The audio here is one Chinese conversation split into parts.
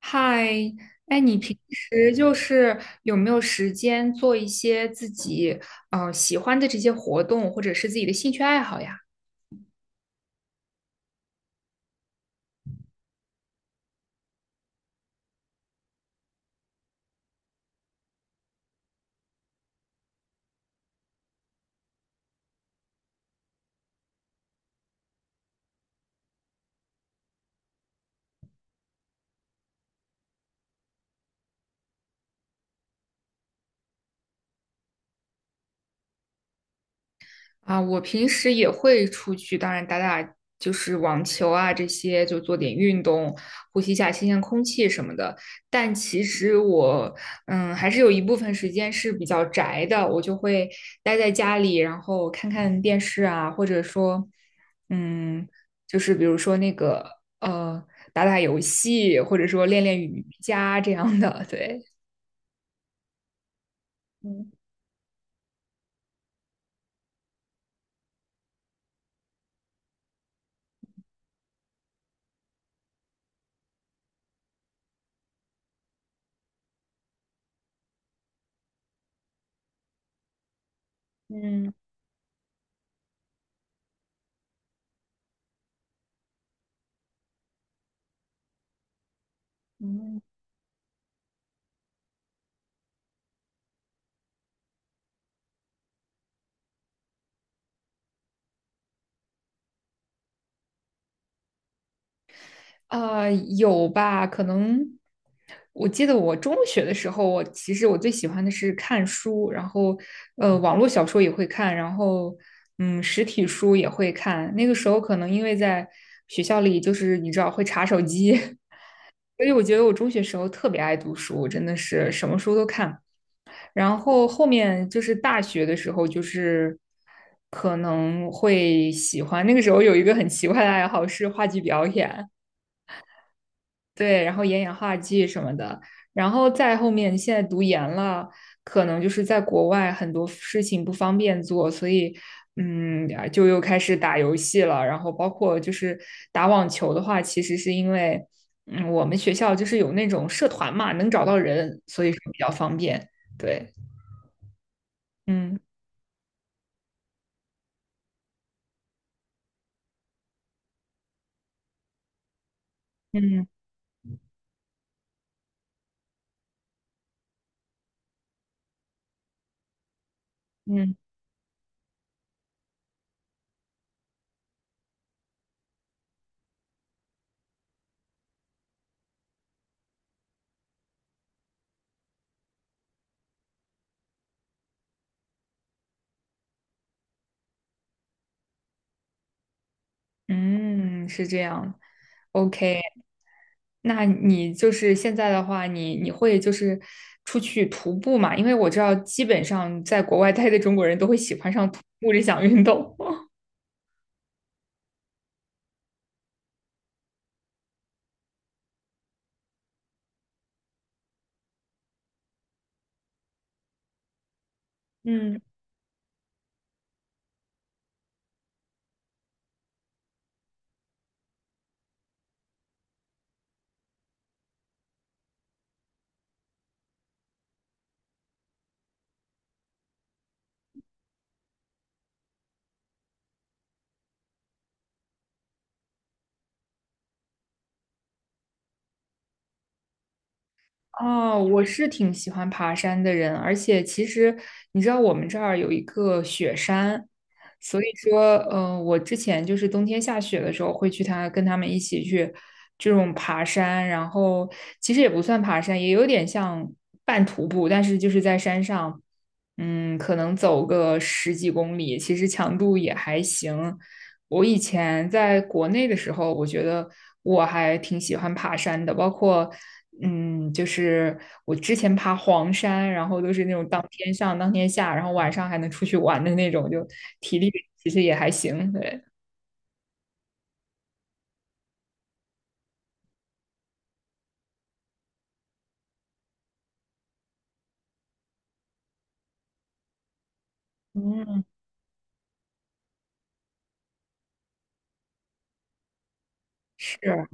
嗨，哎，你平时就是有没有时间做一些自己喜欢的这些活动，或者是自己的兴趣爱好呀？啊，我平时也会出去，当然打打就是网球啊这些，就做点运动，呼吸一下新鲜空气什么的。但其实我，还是有一部分时间是比较宅的，我就会待在家里，然后看看电视啊，或者说，嗯，就是比如说那个呃，打打游戏，或者说练练瑜伽这样的，对。嗯嗯嗯，啊，有吧？可能我记得我中学的时候，我其实最喜欢的是看书，然后网络小说也会看，然后实体书也会看。那个时候可能因为在学校里，就是你知道会查手机，所以我觉得我中学时候特别爱读书，真的是什么书都看。然后后面就是大学的时候，就是可能会喜欢。那个时候有一个很奇怪的爱好是话剧表演，对，然后演演话剧什么的，然后再后面现在读研了，可能就是在国外很多事情不方便做，所以啊就又开始打游戏了。然后包括就是打网球的话，其实是因为我们学校就是有那种社团嘛，能找到人，所以说比较方便。对，嗯嗯嗯嗯，是这样。OK。那你就是现在的话，你会就是出去徒步嘛？因为我知道，基本上在国外待的中国人都会喜欢上徒步这项运动。嗯哦，我是挺喜欢爬山的人，而且其实你知道我们这儿有一个雪山，所以说，我之前就是冬天下雪的时候会跟他们一起去这种爬山，然后其实也不算爬山，也有点像半徒步，但是就是在山上。可能走个十几公里，其实强度也还行。我以前在国内的时候，我觉得我还挺喜欢爬山的，包括就是我之前爬黄山，然后都是那种当天上当天下，然后晚上还能出去玩的那种，就体力其实也还行。对，嗯，是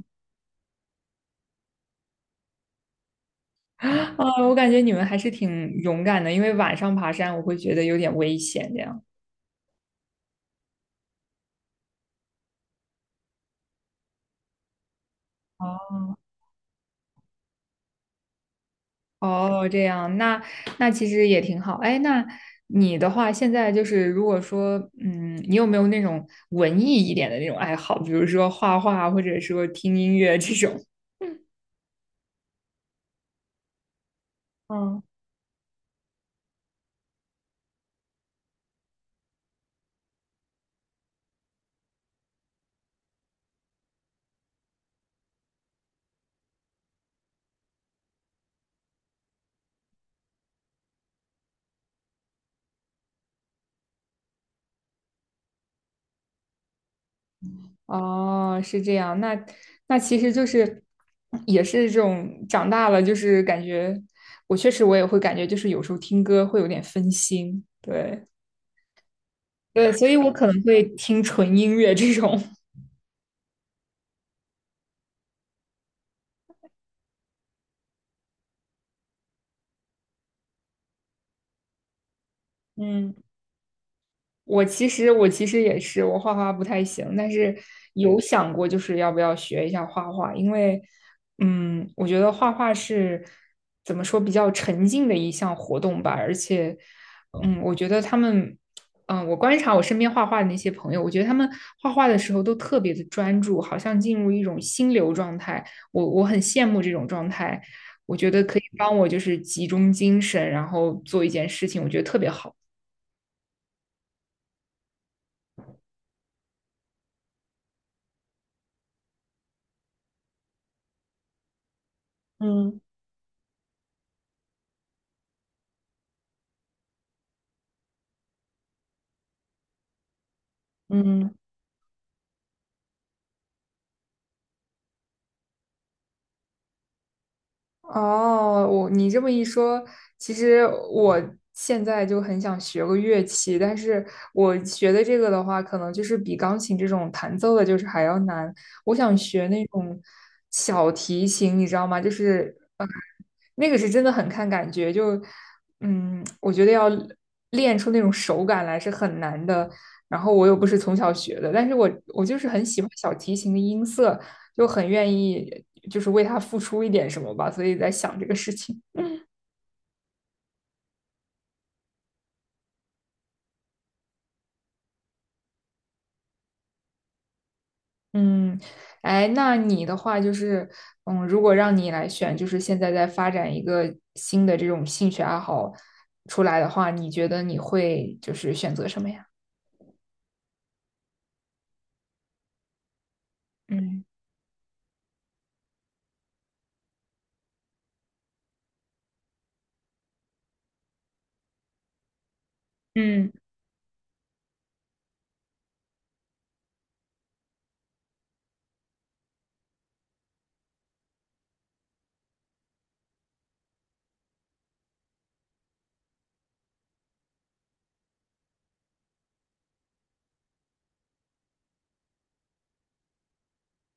啊，我感觉你们还是挺勇敢的，因为晚上爬山我会觉得有点危险这样。哦哦，这样，那其实也挺好。哎，那你的话，现在就是如果说，你有没有那种文艺一点的那种爱好，比如说画画，或者说听音乐这种？嗯，哦，是这样。那其实就是也是这种长大了，就是感觉我确实也会感觉，就是有时候听歌会有点分心。对对，所以我可能会听纯音乐这种。嗯。我其实也是，我画画不太行，但是有想过就是要不要学一下画画，因为我觉得画画是怎么说比较沉浸的一项活动吧，而且我觉得他们嗯，我观察我身边画画的那些朋友，我觉得他们画画的时候都特别的专注，好像进入一种心流状态，我很羡慕这种状态，我觉得可以帮我就是集中精神，然后做一件事情，我觉得特别好。嗯嗯，哦，你这么一说，其实我现在就很想学个乐器，但是我学的这个的话，可能就是比钢琴这种弹奏的，就是还要难。我想学那种小提琴，你知道吗？就是那个是真的很看感觉，就我觉得要练出那种手感来是很难的。然后我又不是从小学的，但是我就是很喜欢小提琴的音色，就很愿意就是为他付出一点什么吧，所以在想这个事情。嗯，哎，那你的话就是，如果让你来选，就是现在在发展一个新的这种兴趣爱好出来的话，你觉得你会就是选择什么呀？嗯嗯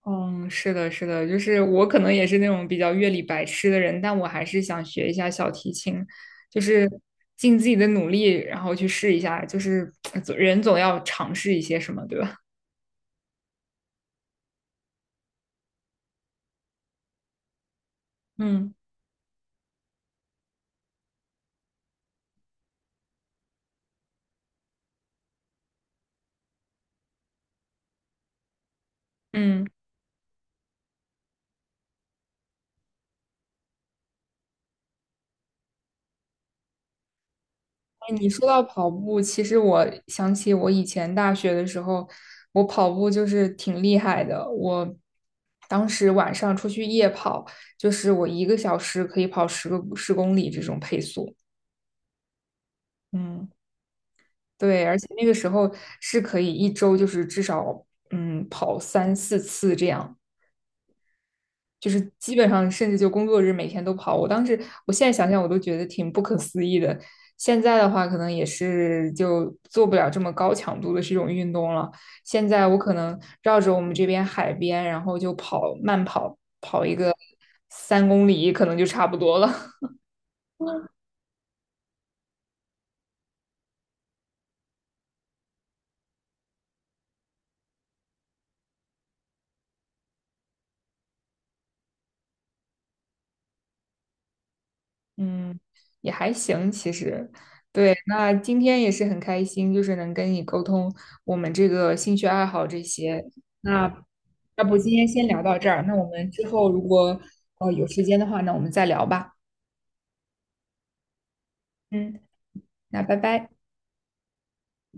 嗯，是的，是的，就是我可能也是那种比较乐理白痴的人，但我还是想学一下小提琴，就是尽自己的努力，然后去试一下，就是 人总要尝试一些什么，对吧？嗯。嗯，哎你说到跑步，其实我想起我以前大学的时候，我跑步就是挺厉害的。我当时晚上出去夜跑，就是我1个小时可以跑10公里这种配速。嗯，对，而且那个时候是可以1周就是至少跑三四次这样。就是基本上甚至就工作日每天都跑。我当时，我现在想想我都觉得挺不可思议的。现在的话，可能也是就做不了这么高强度的这种运动了。现在我可能绕着我们这边海边，然后就慢跑一个3公里，可能就差不多了。嗯，也还行，其实。对，那今天也是很开心，就是能跟你沟通我们这个兴趣爱好这些。那要不今天先聊到这儿，那我们之后如果有时间的话，那我们再聊吧。嗯，那拜拜。